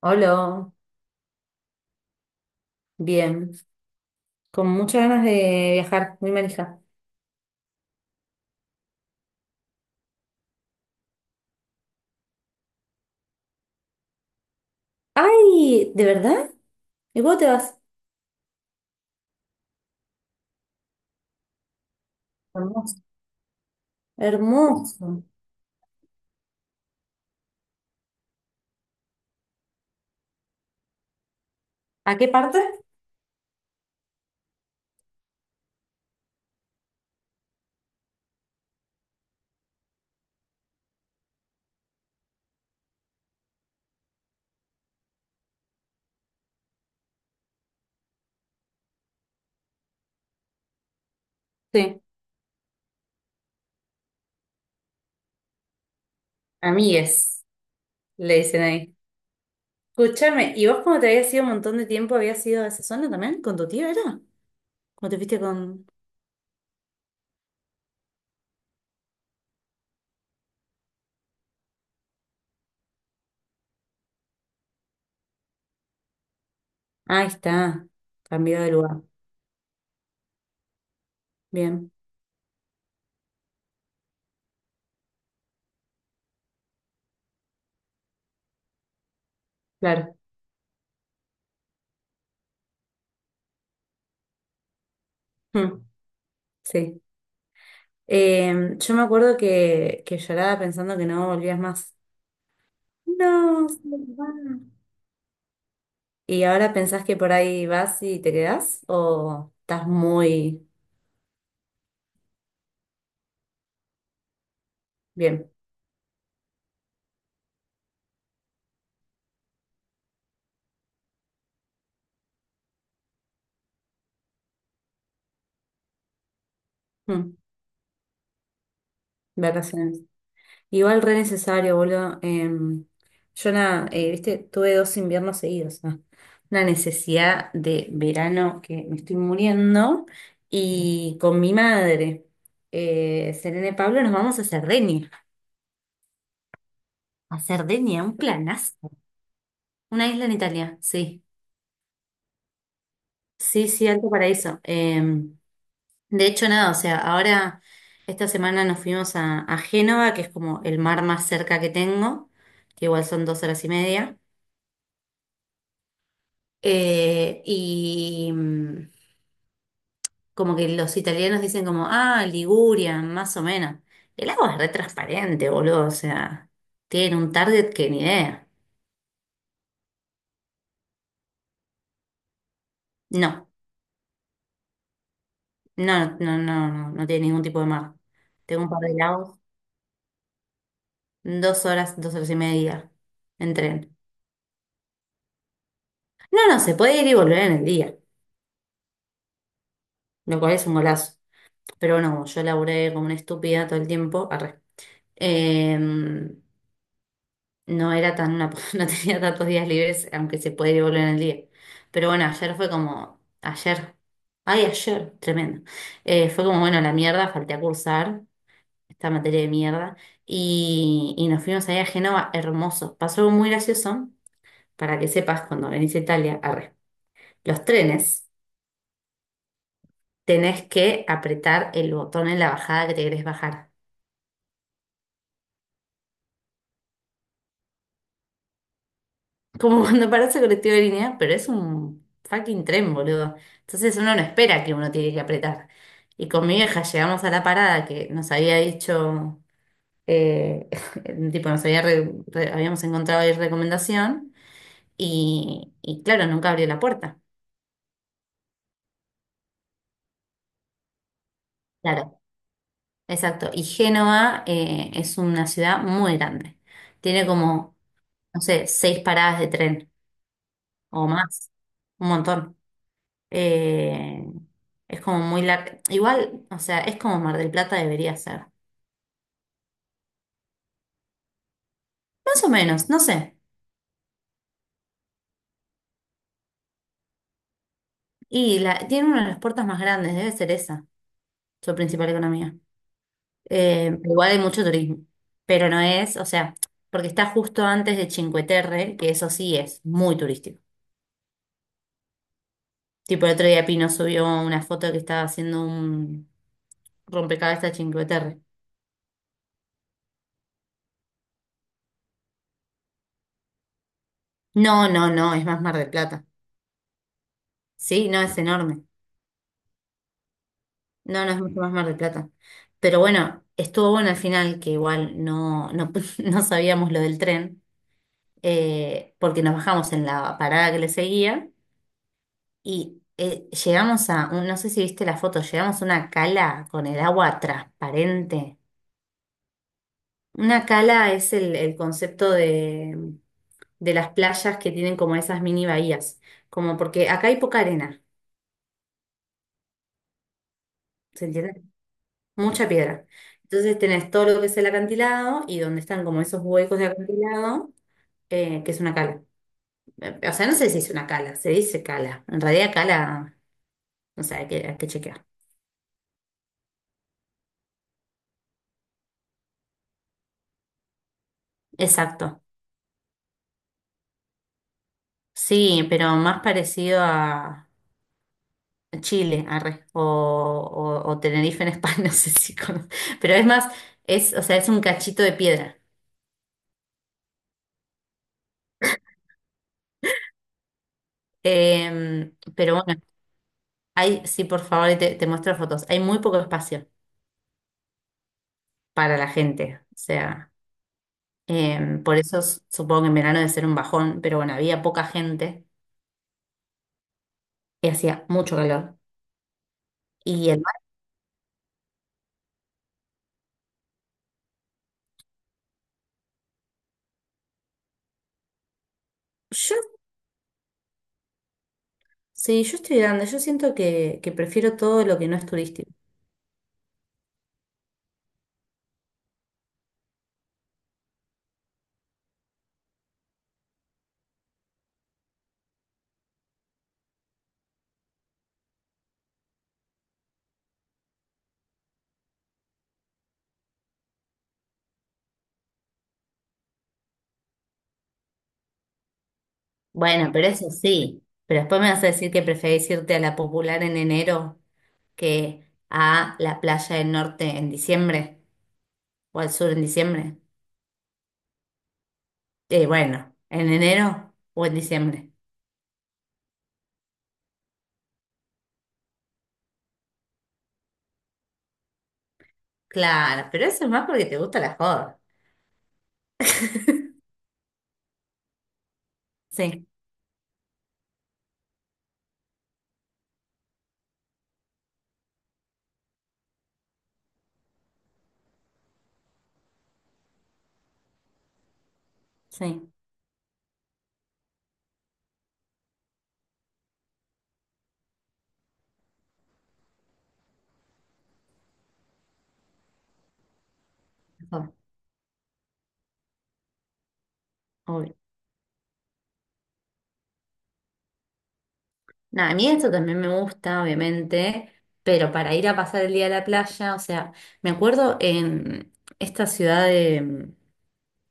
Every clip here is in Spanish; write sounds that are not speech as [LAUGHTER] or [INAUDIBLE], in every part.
Hola, bien. Con muchas ganas de viajar, muy manija. ¡Ay! ¿De verdad? ¿Y cómo te vas? Hermoso. Hermoso. ¿A qué parte? Sí. Amigues, le dicen ahí. Escúchame, ¿y vos como te habías ido un montón de tiempo, habías ido a esa zona también? ¿Con tu tío era? ¿Cómo te fuiste con...? Ah, ahí está. Cambió de lugar. Bien, claro. Mm, sí. Yo me acuerdo que lloraba pensando que no volvías más. No, se va. ¿Y ahora pensás que por ahí vas y te quedás? ¿O estás muy bien? Mm, vacaciones. Igual re necesario, boludo. Viste, tuve dos inviernos seguidos, ¿no? Una necesidad de verano que me estoy muriendo. Y con mi madre, Selene Pablo, nos vamos a Cerdeña. A Cerdeña, un planazo. Una isla en Italia, sí. Sí, sí, alto paraíso. De hecho, nada, o sea, ahora esta semana nos fuimos a Génova, que es como el mar más cerca que tengo, que igual son 2 horas y media. Y como que los italianos dicen como, ah, Liguria, más o menos. El agua es re transparente, boludo, o sea, tienen un target que ni idea. No, no, no, no, no, no tiene ningún tipo de mar. Tengo un par de lagos, 2 horas, 2 horas y media en tren. No, no, se puede ir y volver en el día, lo cual es un golazo. Pero no, yo laburé como una estúpida todo el tiempo, arre. Eh, no era tan una, [LAUGHS] no tenía tantos días libres, aunque se puede volver en el día. Pero bueno, ayer fue como, ayer, ay, ayer, tremendo. Fue como, bueno, la mierda, falté a cursar esta materia de mierda. Y nos fuimos ahí a Génova, hermoso. Pasó algo muy gracioso, para que sepas, cuando venís a Italia, arre. Los trenes, tenés que apretar el botón en la bajada que te querés bajar. Como [LAUGHS] cuando parece colectivo de línea, pero es un fucking tren, boludo. Entonces uno no espera que uno tiene que apretar. Y con mi vieja llegamos a la parada que nos había dicho, eh, [LAUGHS] tipo, nos había habíamos encontrado ahí recomendación y claro, nunca abrió la puerta. Claro, exacto. Y Génova, es una ciudad muy grande. Tiene como, no sé, seis paradas de tren o más, un montón. Eh, es como muy larga. Igual, o sea, es como Mar del Plata debería ser. Más o menos, no sé. Y la, tiene una de las puertas más grandes, debe ser esa, su principal economía. Igual hay mucho turismo, pero no es, o sea, porque está justo antes de Cinque Terre, que eso sí es muy turístico. Tipo, el otro día Pino subió una foto que estaba haciendo un rompecabezas de Cinque Terre. No, no, no, es más Mar del Plata. Sí, no, es enorme. No, no es mucho más Mar del Plata. Pero bueno, estuvo bueno al final, que igual no, no, [LAUGHS] no sabíamos lo del tren, porque nos bajamos en la parada que le seguía y llegamos a, no sé si viste la foto, llegamos a una cala con el agua transparente. Una cala es el concepto de las playas que tienen como esas mini bahías, como porque acá hay poca arena, ¿se entiende? Mucha piedra. Entonces tenés todo lo que es el acantilado y donde están como esos huecos de acantilado, que es una cala. O sea, no sé si es una cala, se dice cala. En realidad cala, no sé, hay que chequear. Exacto. Sí, pero más parecido a Chile, arre, o Tenerife en España, [LAUGHS] no sé si Pero es más, es, o sea, es un cachito de piedra. Pero bueno, hay, sí, por favor, te muestro fotos. Hay muy poco espacio para la gente. O sea. Por eso supongo que en verano debe ser un bajón, pero bueno, había poca gente y hacía mucho calor. Y el mar, yo, sí, yo estoy grande, yo siento que prefiero todo lo que no es turístico. Bueno, pero eso sí, pero después me vas a decir que preferís irte a la popular en enero que a la playa del norte en diciembre o al sur en diciembre. Bueno, en enero o en diciembre. Claro, pero eso es más porque te gusta la joda. Sí, sí, mejor, obvio. Nada, a mí esto también me gusta, obviamente, pero para ir a pasar el día a la playa, o sea, me acuerdo en esta ciudad de,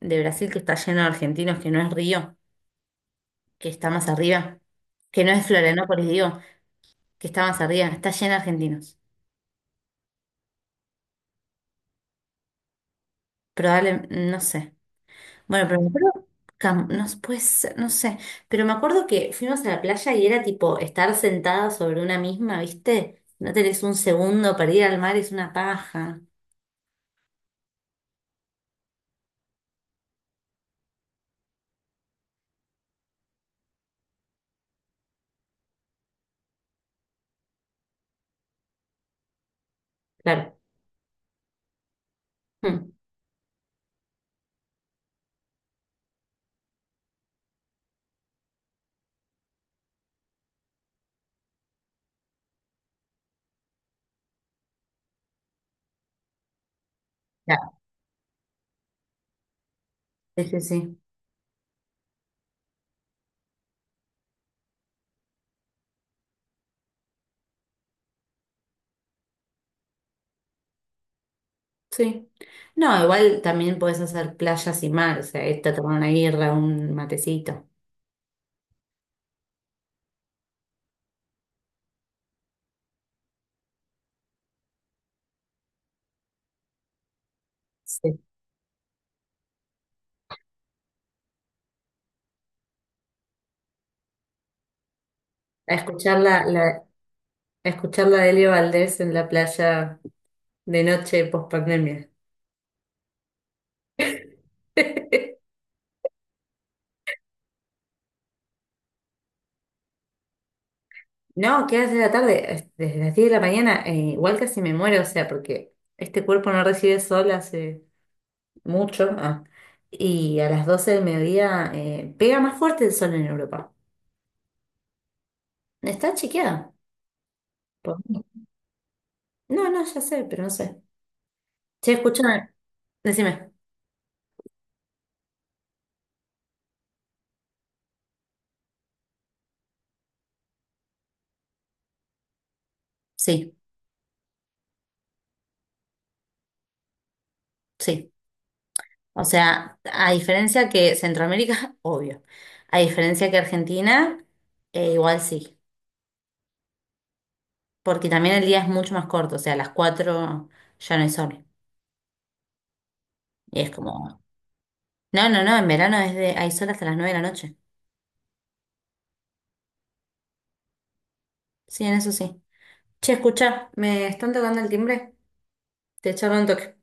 de Brasil que está llena de argentinos, que no es Río, que está más arriba, que no es Florianópolis, digo, que está más arriba, está llena de argentinos. Probablemente, no sé. Bueno, pero me acuerdo, puede ser, no sé, pero me acuerdo que fuimos a la playa y era tipo estar sentada sobre una misma, ¿viste? No tenés un segundo para ir al mar, es una paja. Claro. Mm. Sí, sí, sí. Sí. No, igual también puedes hacer playas y mar, o sea, irte a tomar una birra, un matecito. Sí. A escuchar la, la, a escuchar la de Leo Valdés en la playa de noche post pandemia. [LAUGHS] No, ¿qué hace la tarde? Desde las 10 de la mañana, igual casi me muero, o sea, porque este cuerpo no recibe sol hace mucho. Y a las 12 del mediodía, pega más fuerte el sol en Europa. Está chequeada. por- No, no, ya sé, pero no sé. Che, escucha. Decime, sí, sí. O sea, a diferencia que Centroamérica, [LAUGHS] obvio. A diferencia que Argentina, igual sí. Porque también el día es mucho más corto. O sea, a las 4 ya no hay sol. Y es como. No, no, no, en verano es de, hay sol hasta las 9 de la noche. Sí, en eso sí. Che, escucha, me están tocando el timbre. Te echaron un toque.